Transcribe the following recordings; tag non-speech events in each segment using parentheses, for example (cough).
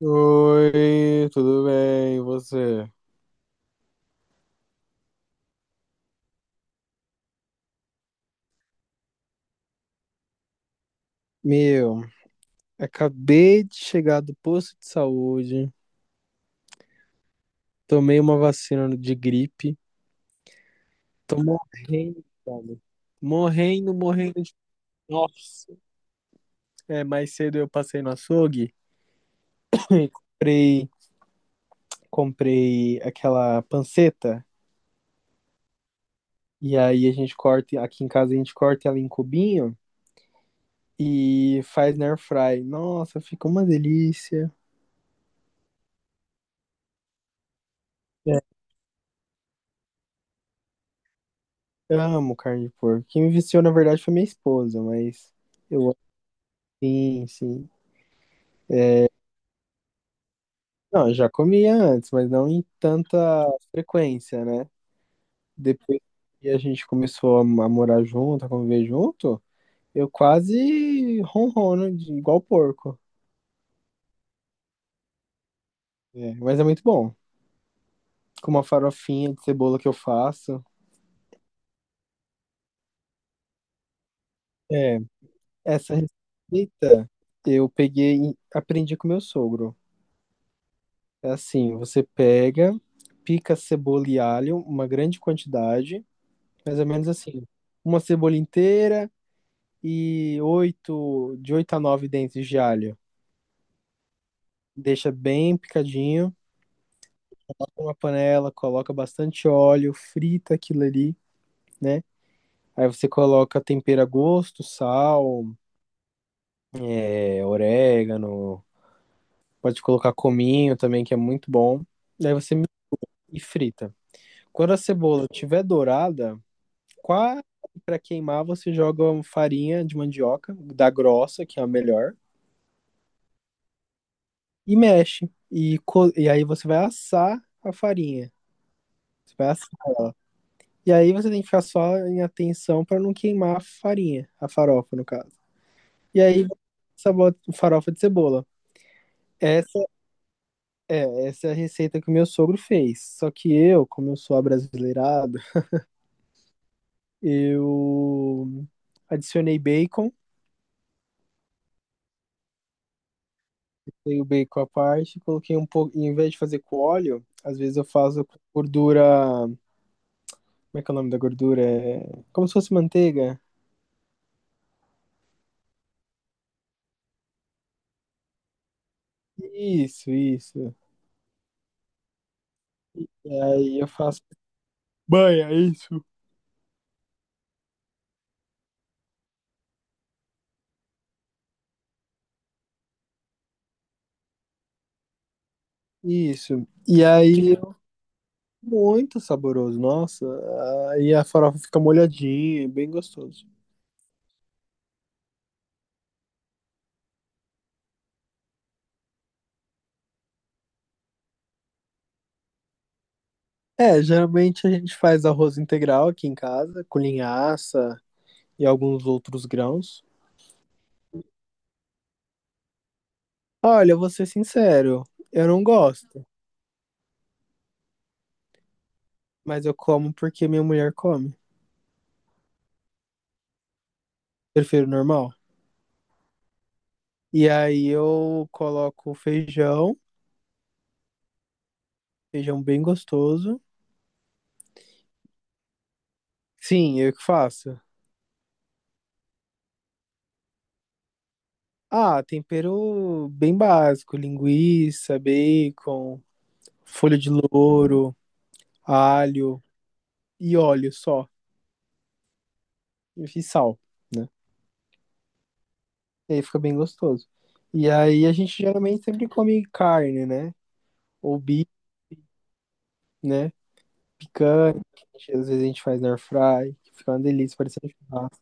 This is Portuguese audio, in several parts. Oi, tudo bem? E você? Meu, acabei de chegar do posto de saúde, tomei uma vacina de gripe, tô morrendo, velho. Morrendo, morrendo de. Nossa! É, mais cedo eu passei no açougue, (laughs) e comprei, comprei aquela panceta, e aí a gente corta, aqui em casa a gente corta ela em cubinho e faz na air fry. Nossa, fica uma delícia. Eu amo carne de porco. Quem me viciou, na verdade, foi minha esposa, mas eu, sim, sim. Não, eu já comia antes, mas não em tanta frequência, né? Depois que a gente começou a morar junto, a conviver junto, eu quase ronrono de igual porco. É, mas é muito bom. Com uma farofinha de cebola que eu faço. É, essa receita eu peguei, e aprendi com meu sogro. É assim, você pega, pica cebola e alho, uma grande quantidade, mais ou menos assim, uma cebola inteira e oito, de oito a nove dentes de alho. Deixa bem picadinho, uma panela, coloca bastante óleo, frita aquilo ali, né? Aí você coloca tempero a gosto, sal, é, orégano, pode colocar cominho também, que é muito bom. Daí você mi- e frita. Quando a cebola estiver dourada, quase para queimar, você joga uma farinha de mandioca, da grossa, que é a melhor, e mexe. E aí você vai assar a farinha. Você vai assar. E aí você tem que ficar só em atenção para não queimar a farinha, a farofa, no caso. E aí sabota farofa de cebola. Essa essa é a receita que o meu sogro fez. Só que eu, como eu sou abrasileirado, eu adicionei bacon. Dei o bacon à parte, coloquei um pouco. Em vez de fazer com óleo, às vezes eu faço com gordura. Como é que é o nome da gordura? É... Como se fosse manteiga. Isso, isso. E aí eu faço. Banha, é isso. Isso. E aí, muito saboroso, nossa. Aí a farofa fica molhadinha, é bem gostoso. É, geralmente a gente faz arroz integral aqui em casa, com linhaça e alguns outros grãos. Olha, eu vou ser sincero, eu não gosto. Mas eu como porque minha mulher come. Prefiro normal. E aí eu coloco feijão, feijão bem gostoso. Sim, eu que faço. Ah, tempero bem básico, linguiça, bacon, folha de louro, alho e óleo só, e sal, né? E aí fica bem gostoso. E aí a gente geralmente sempre come carne, né? Ou bife, né? Picanha, que a gente- Às vezes a gente faz na air fry, que fica uma delícia, parecendo churrasco.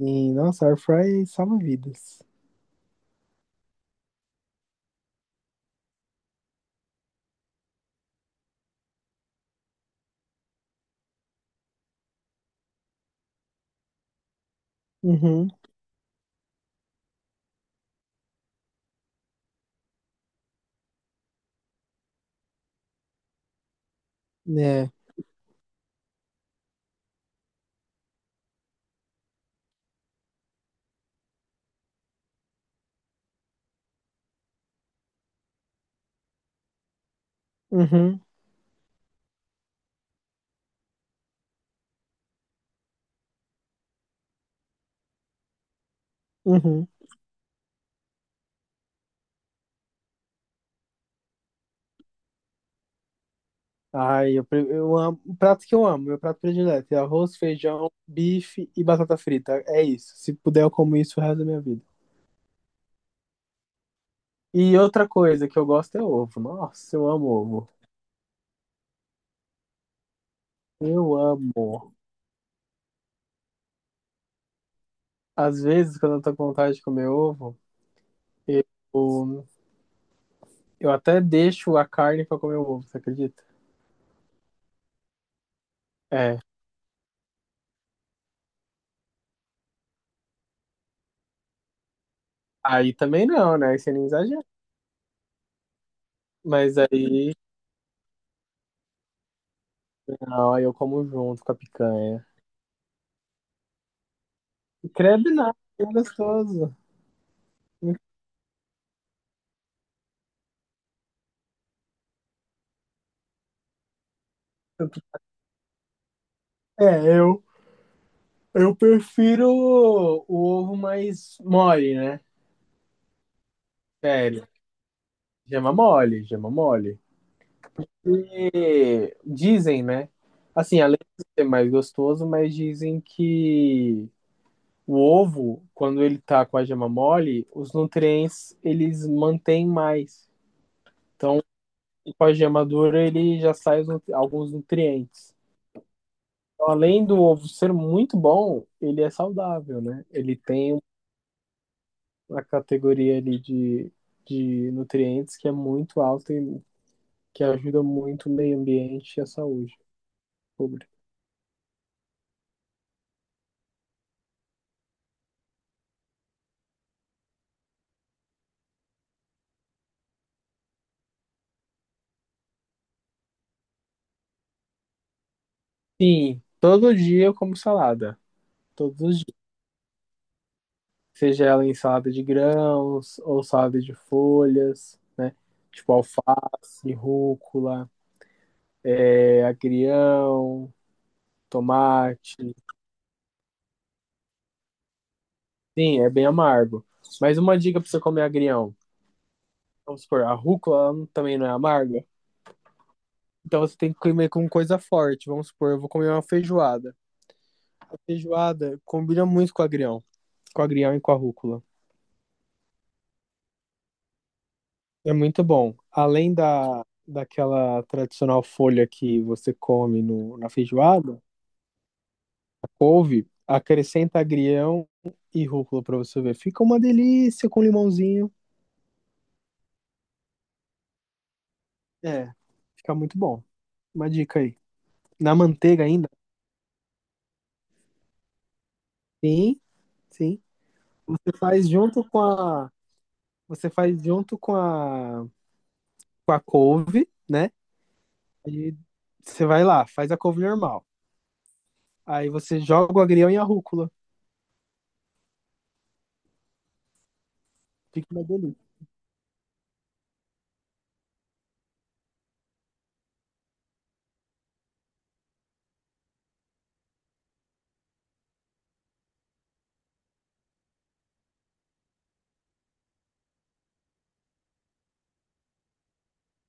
E, nossa, air fry salva vidas. Uhum, né? Uhum, uhum. Ai, eu amo. O prato que eu amo, meu prato predileto é arroz, feijão, bife e batata frita. É isso. Se puder, eu como isso o resto da minha vida. E outra coisa que eu gosto é ovo. Nossa, eu amo ovo. Eu amo. Às vezes, quando eu tô com vontade de comer ovo, eu, eu até deixo a carne pra comer o ovo, você acredita? É. Aí também não, né? Aí você nem exagera. Mas aí, não, aí eu como junto com a picanha. Credo nada, é gostoso. É, eu, eu prefiro o ovo mais mole, né? Sério. Gema mole, gema mole. E dizem, né? Assim, além de ser mais gostoso, mas dizem que o ovo, quando ele tá com a gema mole, os nutrientes eles mantêm mais. Então, com a gema dura, ele já sai os nutri- alguns nutrientes. Então, além do ovo ser muito bom, ele é saudável, né? Ele tem a categoria ali de nutrientes que é muito alta e que ajuda muito o meio ambiente e a saúde pública. Sim, todo dia eu como salada, todos os dias. Seja ela em salada de grãos ou salada de folhas, né? Tipo alface, rúcula, é, agrião, tomate. Sim, é bem amargo. Mas uma dica para você comer agrião. Vamos supor, a rúcula ela não- Também não é amarga. Então você tem que comer com coisa forte. Vamos supor, eu vou comer uma feijoada. A feijoada combina muito com o agrião e com a rúcula. É muito bom. Além daquela tradicional folha que você come no, na feijoada, a couve, acrescenta agrião e rúcula pra você ver. Fica uma delícia com limãozinho. É, fica muito bom. Uma dica aí. Na manteiga ainda? Sim, sim. Você faz junto com a, você faz junto com a couve, né? Aí você vai lá, faz a couve normal. Aí você joga o agrião e a rúcula. Fica uma delícia.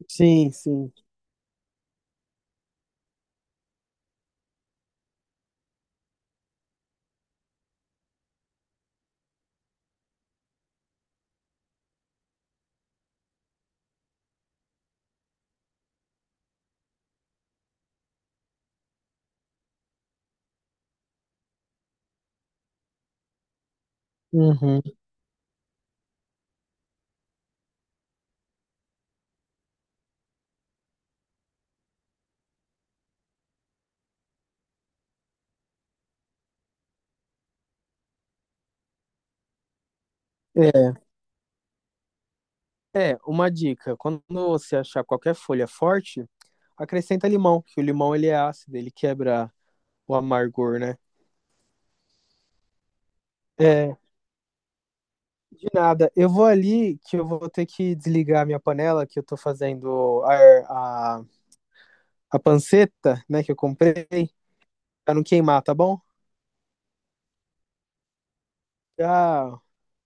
Sim, sim. Uhum. É. É, uma dica. Quando você achar qualquer folha forte, acrescenta limão, que o limão ele é ácido, ele quebra o amargor, né? É. De nada. Eu vou ali que eu vou ter que desligar a minha panela, que eu tô fazendo a panceta, né, que eu comprei, pra não queimar, tá bom? Já